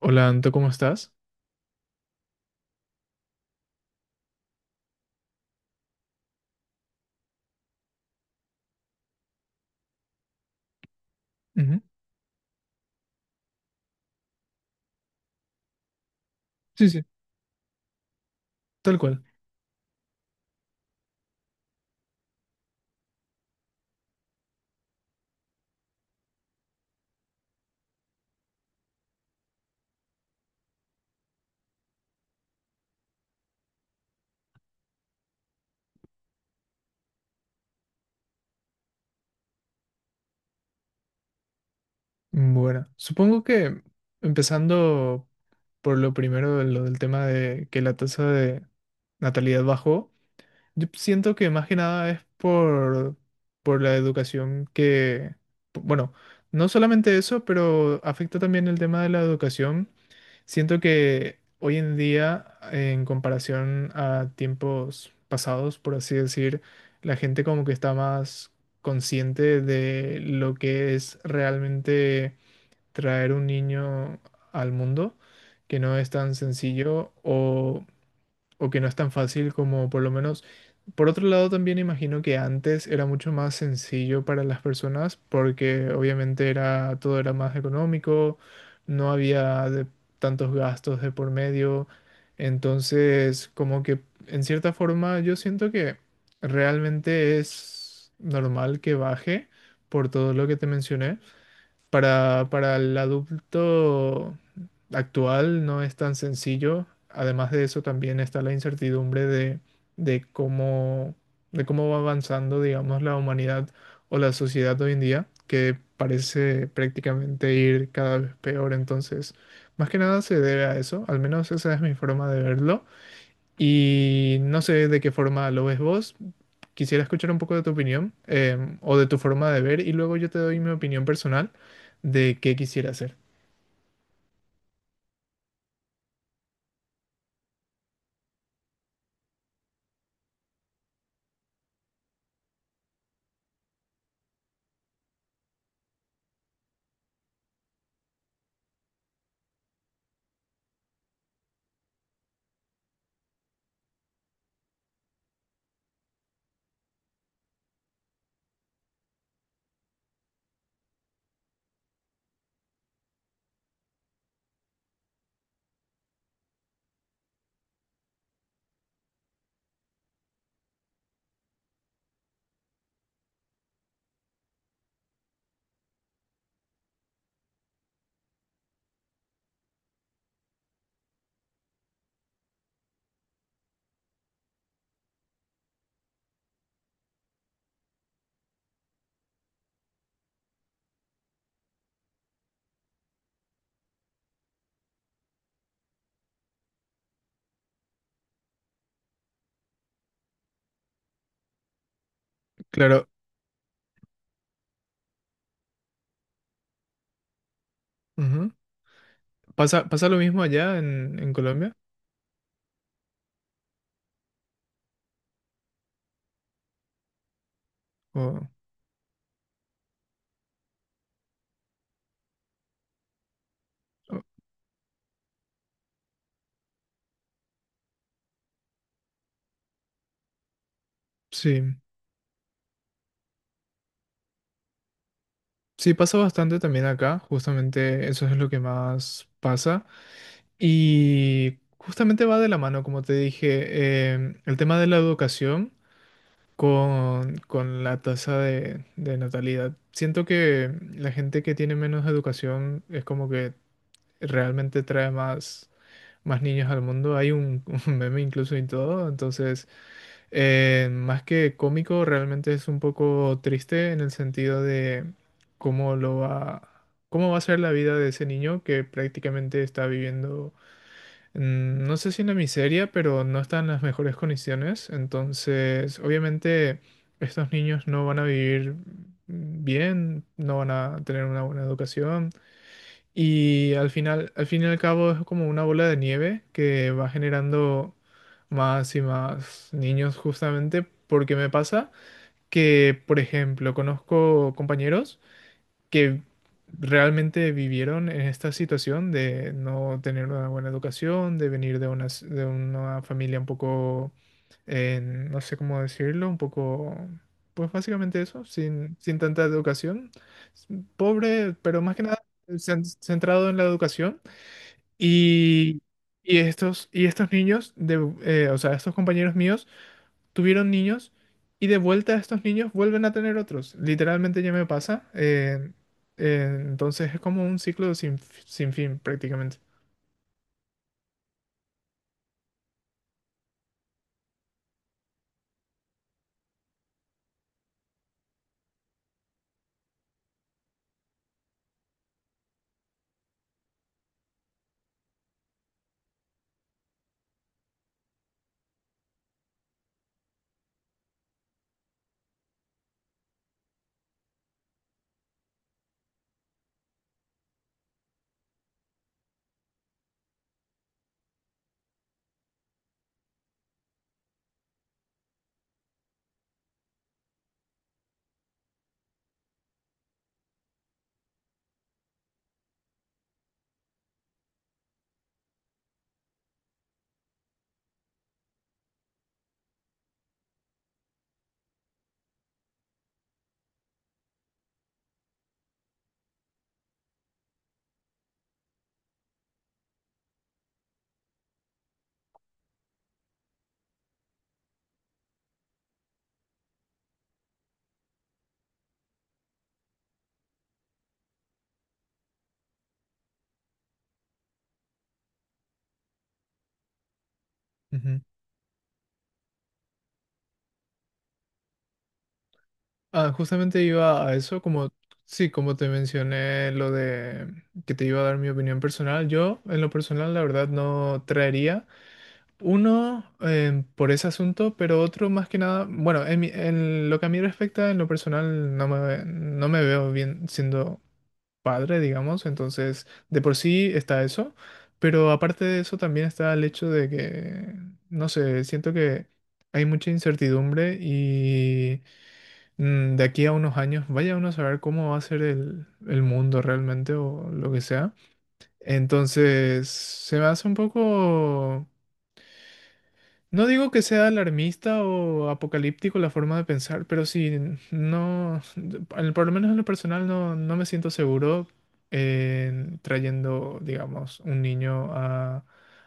Hola, Anto, ¿cómo estás? Ujú. Sí, sí, tal cual. Bueno, supongo que empezando por lo primero, lo del tema de que la tasa de natalidad bajó, yo siento que más que nada es por la educación bueno, no solamente eso, pero afecta también el tema de la educación. Siento que hoy en día, en comparación a tiempos pasados, por así decir, la gente como que está más consciente de lo que es realmente traer un niño al mundo, que no es tan sencillo o que no es tan fácil como por lo menos. Por otro lado, también imagino que antes era mucho más sencillo para las personas porque obviamente era todo era más económico, no había tantos gastos de por medio. Entonces, como que en cierta forma yo siento que realmente es normal que baje por todo lo que te mencioné. Para el adulto actual no es tan sencillo. Además de eso, también está la incertidumbre de de cómo va avanzando, digamos, la humanidad o la sociedad hoy en día, que parece prácticamente ir cada vez peor. Entonces, más que nada se debe a eso, al menos esa es mi forma de verlo. Y no sé de qué forma lo ves vos. Quisiera escuchar un poco de tu opinión o de tu forma de ver, y luego yo te doy mi opinión personal de qué quisiera hacer. Claro, ujú. ¿Pasa, pasa lo mismo allá en Colombia? O- o- sí, sí, pasa bastante también acá, justamente eso es lo que más pasa. Y justamente va de la mano, como te dije, el tema de la educación, con la tasa de natalidad. Siento que la gente que tiene menos educación es como que realmente trae más niños al mundo. Hay un, un meme incluso y todo. Entonces, más que cómico, realmente es un poco triste en el sentido de cómo lo va, cómo va a ser la vida de ese niño que prácticamente está viviendo no sé si una miseria, pero no están en las mejores condiciones. Entonces, obviamente, estos niños no van a vivir bien, no van a tener una buena educación. Y al final, al fin y al cabo, es como una bola de nieve que va generando más y más niños, justamente porque me pasa que, por ejemplo, conozco compañeros que realmente vivieron en esta situación de no tener una buena educación, de venir de de una familia un poco, no sé cómo decirlo, un poco, pues básicamente eso, sin tanta educación, pobre, pero más que nada centrado en la educación. Y, y estos niños, o sea, estos compañeros míos, tuvieron niños y de vuelta estos niños vuelven a tener otros. Literalmente ya me pasa. Entonces es como un ciclo sin fin prácticamente. Ujú. Ah, justamente iba a eso, como, sí, como te mencioné lo de que te iba a dar mi opinión personal, yo en lo personal la verdad no traería uno por ese asunto, pero otro más que nada, bueno, en lo que a mí respecta, en lo personal no me veo bien siendo padre, digamos, entonces de por sí está eso, pero aparte de eso también está el hecho de que, no sé, siento que hay mucha incertidumbre y de aquí a unos años vaya uno a saber cómo va a ser el mundo realmente o lo que sea. Entonces se me hace un poco... No digo que sea alarmista o apocalíptico la forma de pensar, pero sí, no, por lo menos en lo personal no me siento seguro en trayendo, digamos, un niño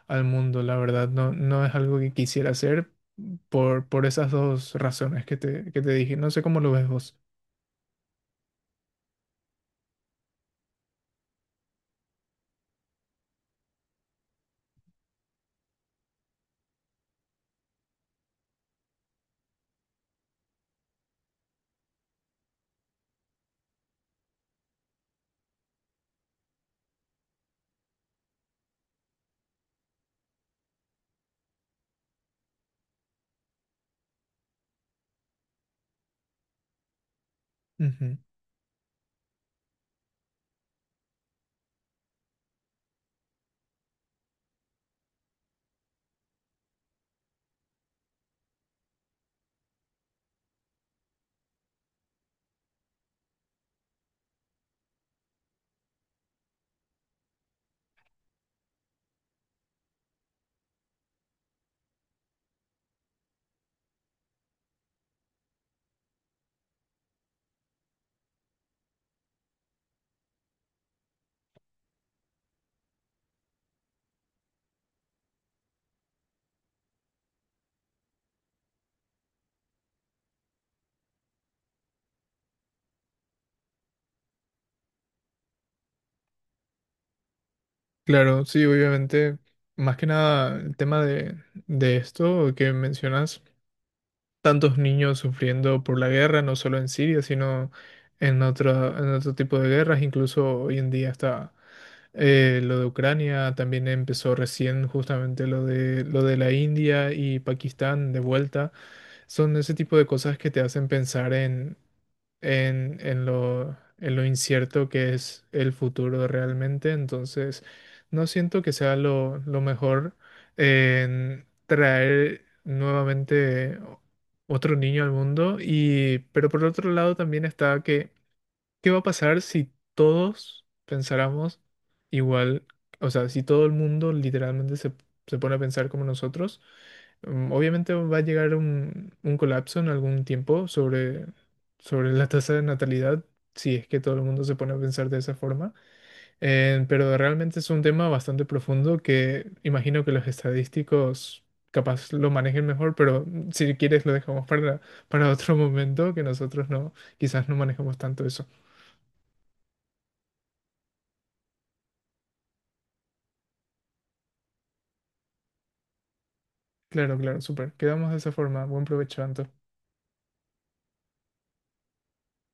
al mundo. La verdad, no, no es algo que quisiera hacer por esas dos razones que te dije. No sé cómo lo ves vos. Ujú. Claro, sí, obviamente, más que nada el tema de esto que mencionas, tantos niños sufriendo por la guerra, no solo en Siria, sino en en otro tipo de guerras. Incluso hoy en día está lo de Ucrania, también empezó recién justamente lo lo de la India y Pakistán de vuelta. Son ese tipo de cosas que te hacen pensar en lo incierto que es el futuro realmente. Entonces, no siento que sea lo mejor en traer nuevamente otro niño al mundo. Y, pero por otro lado también está que ¿qué va a pasar si todos pensáramos igual? O sea, si todo el mundo literalmente se pone a pensar como nosotros, obviamente va a llegar un colapso en algún tiempo sobre, sobre la tasa de natalidad, si es que todo el mundo se pone a pensar de esa forma. Pero realmente es un tema bastante profundo que imagino que los estadísticos capaz lo manejen mejor, pero si quieres lo dejamos para otro momento, que nosotros no, quizás no manejamos tanto eso. Claro, claro, súper. Quedamos de esa forma. Buen provecho, Anto.